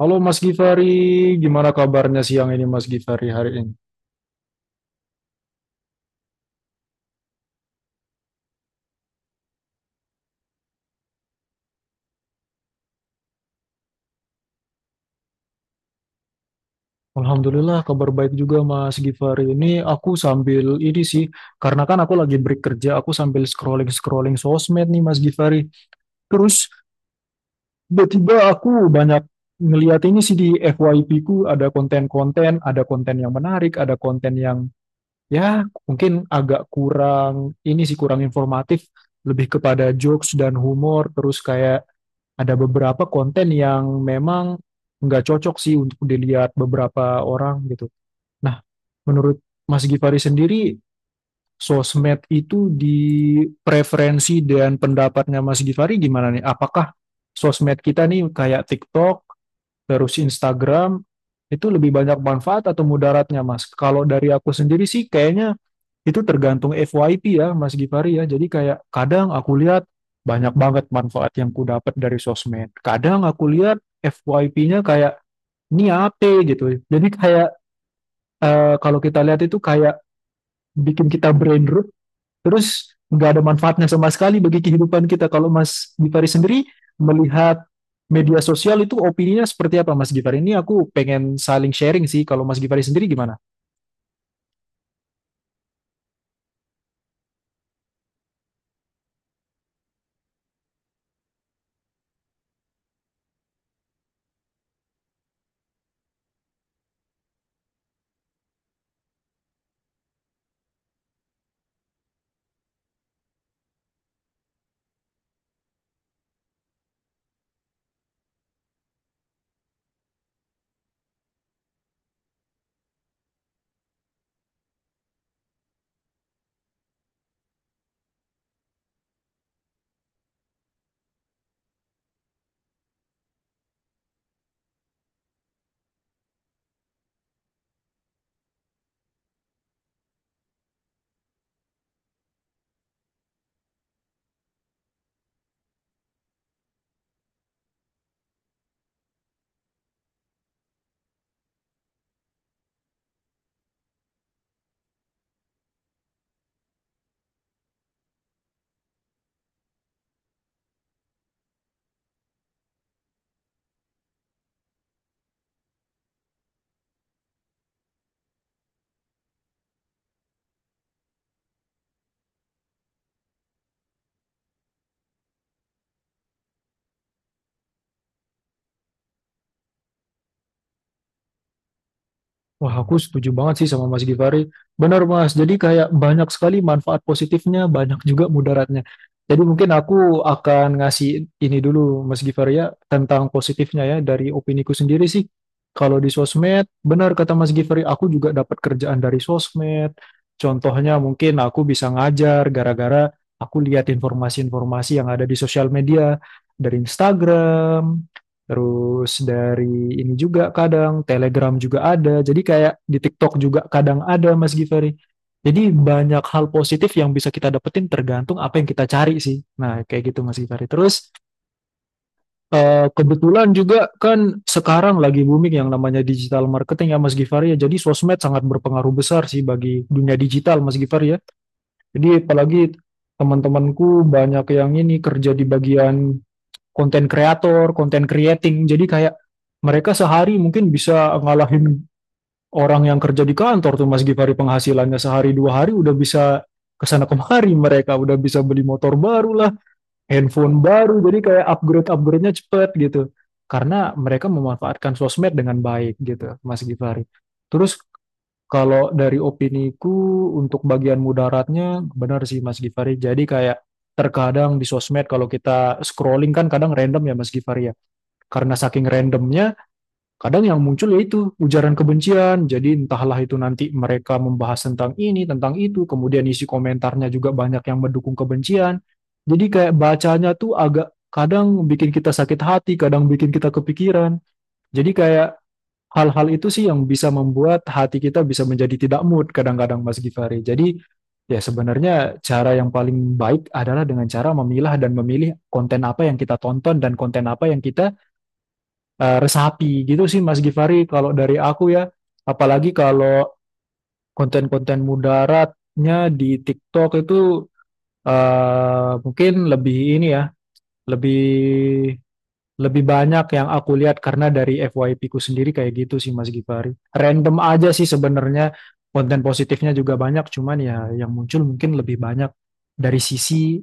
Halo Mas Gifari, gimana kabarnya siang ini Mas Gifari hari ini? Alhamdulillah kabar baik juga Mas Gifari. Ini aku sambil ini sih, karena kan aku lagi break kerja, aku sambil scrolling-scrolling sosmed nih Mas Gifari. Terus tiba-tiba aku banyak ngeliat ini sih di FYP ku ada konten-konten, ada konten yang menarik, ada konten yang ya mungkin agak kurang ini sih kurang informatif, lebih kepada jokes dan humor, terus kayak ada beberapa konten yang memang nggak cocok sih untuk dilihat beberapa orang gitu. Nah, menurut Mas Gifari sendiri, sosmed itu di preferensi dan pendapatnya Mas Gifari gimana nih? Apakah sosmed kita nih kayak TikTok, terus Instagram, itu lebih banyak manfaat atau mudaratnya, Mas? Kalau dari aku sendiri sih kayaknya itu tergantung FYP ya Mas Gifari ya. Jadi kayak kadang aku lihat banyak banget manfaat yang ku dapat dari sosmed. Kadang aku lihat FYP-nya kayak ini apa gitu. Jadi kayak kalau kita lihat itu kayak bikin kita brain rot terus nggak ada manfaatnya sama sekali bagi kehidupan kita. Kalau Mas Gifari sendiri melihat media sosial itu opininya seperti apa Mas Gifari? Ini aku pengen saling sharing sih. Kalau Mas Gifari sendiri gimana? Wah, aku setuju banget sih sama Mas Givari. Benar, Mas. Jadi kayak banyak sekali manfaat positifnya, banyak juga mudaratnya. Jadi mungkin aku akan ngasih ini dulu, Mas Givari ya, tentang positifnya ya, dari opiniku sendiri sih. Kalau di sosmed, benar kata Mas Givari, aku juga dapat kerjaan dari sosmed. Contohnya mungkin aku bisa ngajar gara-gara aku lihat informasi-informasi yang ada di sosial media, dari Instagram, terus dari ini juga kadang Telegram juga ada. Jadi kayak di TikTok juga kadang ada Mas Givari. Jadi banyak hal positif yang bisa kita dapetin tergantung apa yang kita cari sih. Nah, kayak gitu Mas Givari. Terus kebetulan juga kan sekarang lagi booming yang namanya digital marketing ya Mas Givari ya. Jadi sosmed sangat berpengaruh besar sih bagi dunia digital Mas Givari ya. Jadi apalagi teman-temanku banyak yang ini kerja di bagian konten kreator, konten creating. Jadi kayak mereka sehari mungkin bisa ngalahin orang yang kerja di kantor tuh Mas Gifari, penghasilannya sehari dua hari udah bisa kesana kemari, mereka udah bisa beli motor baru lah, handphone baru, jadi kayak upgrade upgrade-nya cepet gitu. Karena mereka memanfaatkan sosmed dengan baik gitu, Mas Gifari. Terus kalau dari opiniku untuk bagian mudaratnya benar sih Mas Gifari. Jadi kayak terkadang di sosmed kalau kita scrolling kan kadang random ya Mas Gifari ya, karena saking randomnya kadang yang muncul yaitu ujaran kebencian. Jadi entahlah, itu nanti mereka membahas tentang ini tentang itu, kemudian isi komentarnya juga banyak yang mendukung kebencian. Jadi kayak bacanya tuh agak kadang bikin kita sakit hati, kadang bikin kita kepikiran. Jadi kayak hal-hal itu sih yang bisa membuat hati kita bisa menjadi tidak mood kadang-kadang Mas Gifari. Jadi ya sebenarnya cara yang paling baik adalah dengan cara memilah dan memilih konten apa yang kita tonton dan konten apa yang kita resapi, gitu sih Mas Gifari kalau dari aku ya. Apalagi kalau konten-konten mudaratnya di TikTok itu mungkin lebih ini ya, lebih lebih banyak yang aku lihat karena dari FYP ku sendiri kayak gitu sih Mas Gifari. Random aja sih sebenarnya, konten positifnya juga banyak cuman ya yang muncul mungkin lebih banyak dari sisi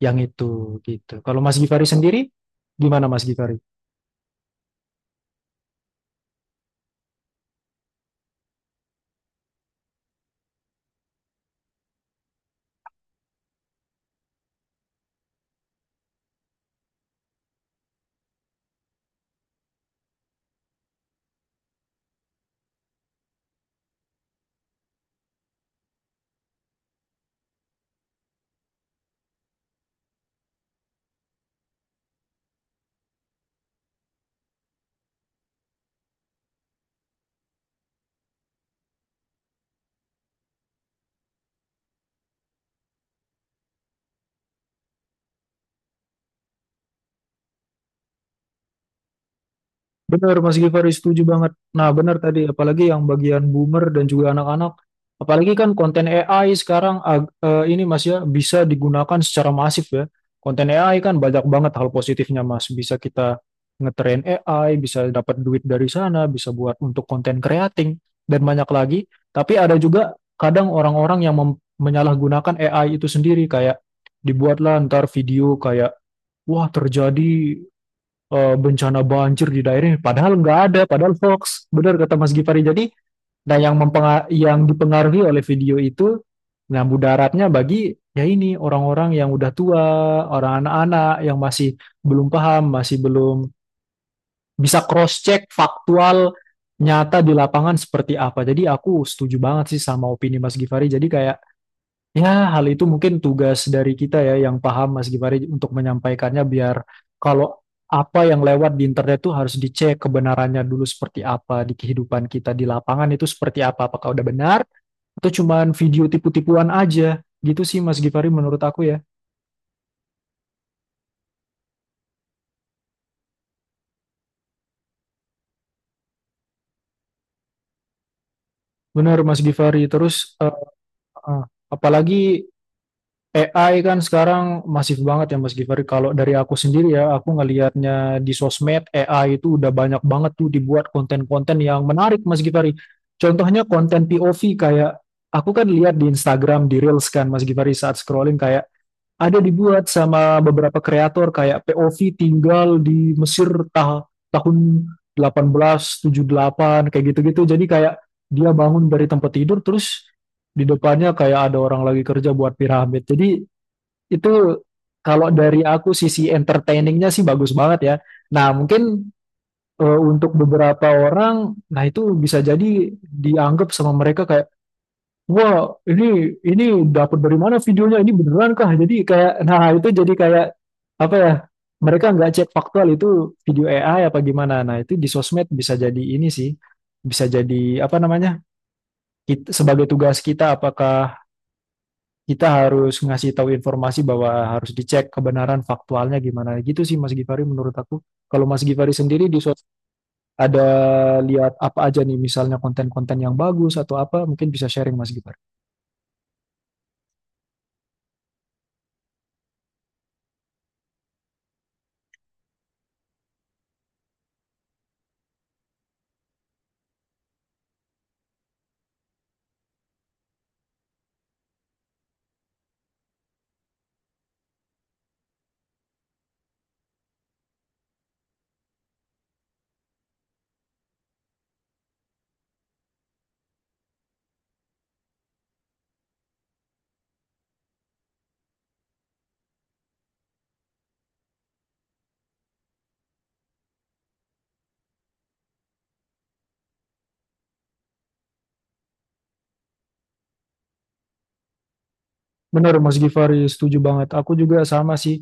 yang itu gitu. Kalau Mas Gifari sendiri gimana Mas Gifari? Benar, Mas Gifari setuju banget. Nah, benar tadi, apalagi yang bagian boomer dan juga anak-anak. Apalagi kan konten AI sekarang ini Mas ya bisa digunakan secara masif ya. Konten AI kan banyak banget hal positifnya Mas. Bisa kita ngetrain AI, bisa dapat duit dari sana, bisa buat untuk konten creating dan banyak lagi. Tapi ada juga kadang orang-orang yang menyalahgunakan AI itu sendiri kayak dibuatlah ntar video kayak, wah terjadi bencana banjir di daerah ini. Padahal nggak ada, padahal hoax. Benar kata Mas Gifari. Jadi, nah yang yang dipengaruhi oleh video itu, nah mudaratnya bagi ya ini orang-orang yang udah tua, orang anak-anak yang masih belum paham, masih belum bisa cross-check faktual nyata di lapangan seperti apa. Jadi aku setuju banget sih sama opini Mas Gifari. Jadi kayak ya, hal itu mungkin tugas dari kita ya yang paham Mas Gifari untuk menyampaikannya, biar kalau apa yang lewat di internet itu harus dicek kebenarannya dulu seperti apa di kehidupan kita di lapangan itu seperti apa, apakah udah benar atau cuman video tipu-tipuan aja. Gitu sih Mas Gifari menurut aku ya. Benar Mas Gifari. Terus eh, eh, apalagi AI kan sekarang masif banget ya Mas Givari. Kalau dari aku sendiri ya, aku ngelihatnya di sosmed AI itu udah banyak banget tuh dibuat konten-konten yang menarik Mas Givari. Contohnya konten POV kayak aku kan lihat di Instagram di Reels kan Mas Givari, saat scrolling kayak ada dibuat sama beberapa kreator kayak POV tinggal di Mesir tahun 1878 kayak gitu-gitu. Jadi kayak dia bangun dari tempat tidur terus di depannya kayak ada orang lagi kerja buat piramid. Jadi itu kalau dari aku sisi entertainingnya sih bagus banget ya. Nah mungkin untuk beberapa orang, nah itu bisa jadi dianggap sama mereka kayak, wah ini dapat dari mana videonya? Ini beneran kah? Jadi kayak, nah itu jadi kayak apa ya? Mereka nggak cek faktual itu video AI apa gimana. Nah itu di sosmed bisa jadi ini sih, bisa jadi apa namanya? Kita, sebagai tugas kita apakah kita harus ngasih tahu informasi bahwa harus dicek kebenaran faktualnya gimana, gitu sih Mas Givari menurut aku. Kalau Mas Givari sendiri di sos ada lihat apa aja nih misalnya konten-konten yang bagus atau apa, mungkin bisa sharing Mas Givari. Benar Mas Givari setuju banget. Aku juga sama sih.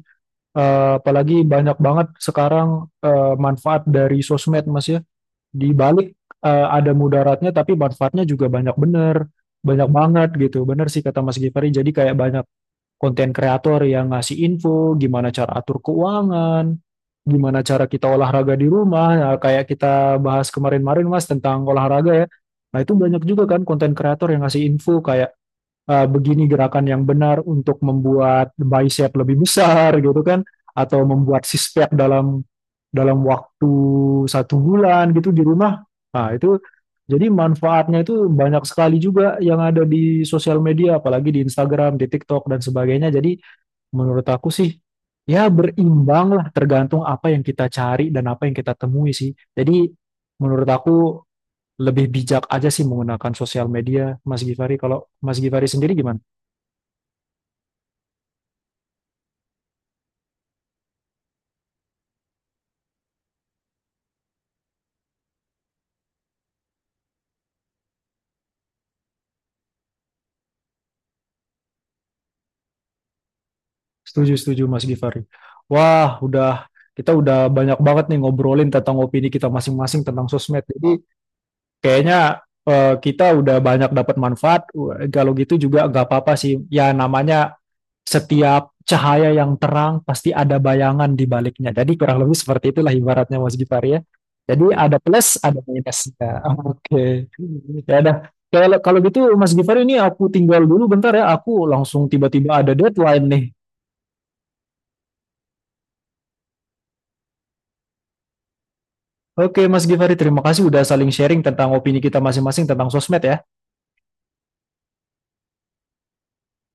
Apalagi banyak banget sekarang manfaat dari sosmed Mas ya. Di balik ada mudaratnya tapi manfaatnya juga banyak bener. Banyak banget gitu. Bener sih kata Mas Givari. Jadi kayak banyak konten kreator yang ngasih info gimana cara atur keuangan, gimana cara kita olahraga di rumah. Nah, kayak kita bahas kemarin-marin Mas tentang olahraga ya. Nah, itu banyak juga kan konten kreator yang ngasih info kayak begini gerakan yang benar untuk membuat bicep lebih besar gitu kan, atau membuat six pack dalam dalam waktu 1 bulan gitu di rumah. Nah itu jadi manfaatnya itu banyak sekali juga yang ada di sosial media, apalagi di Instagram, di TikTok, dan sebagainya. Jadi menurut aku sih, ya berimbang lah tergantung apa yang kita cari dan apa yang kita temui sih. Jadi menurut aku lebih bijak aja sih menggunakan sosial media, Mas Gifari. Kalau Mas Gifari sendiri gimana? Setuju, setuju Mas Gifari. Wah, udah, kita udah banyak banget nih ngobrolin tentang opini kita masing-masing tentang sosmed. Jadi kayaknya kita udah banyak dapat manfaat. Wah, kalau gitu juga nggak apa-apa sih. Ya namanya setiap cahaya yang terang pasti ada bayangan di baliknya. Jadi kurang lebih seperti itulah ibaratnya Mas Gifari ya. Jadi ada plus, ada minusnya. Oke. Ya udah. Kalau kalau gitu Mas Gifari ini aku tinggal dulu bentar ya. Aku langsung tiba-tiba ada deadline nih. Oke, Mas Givari, terima kasih udah saling sharing tentang opini kita masing-masing tentang sosmed ya.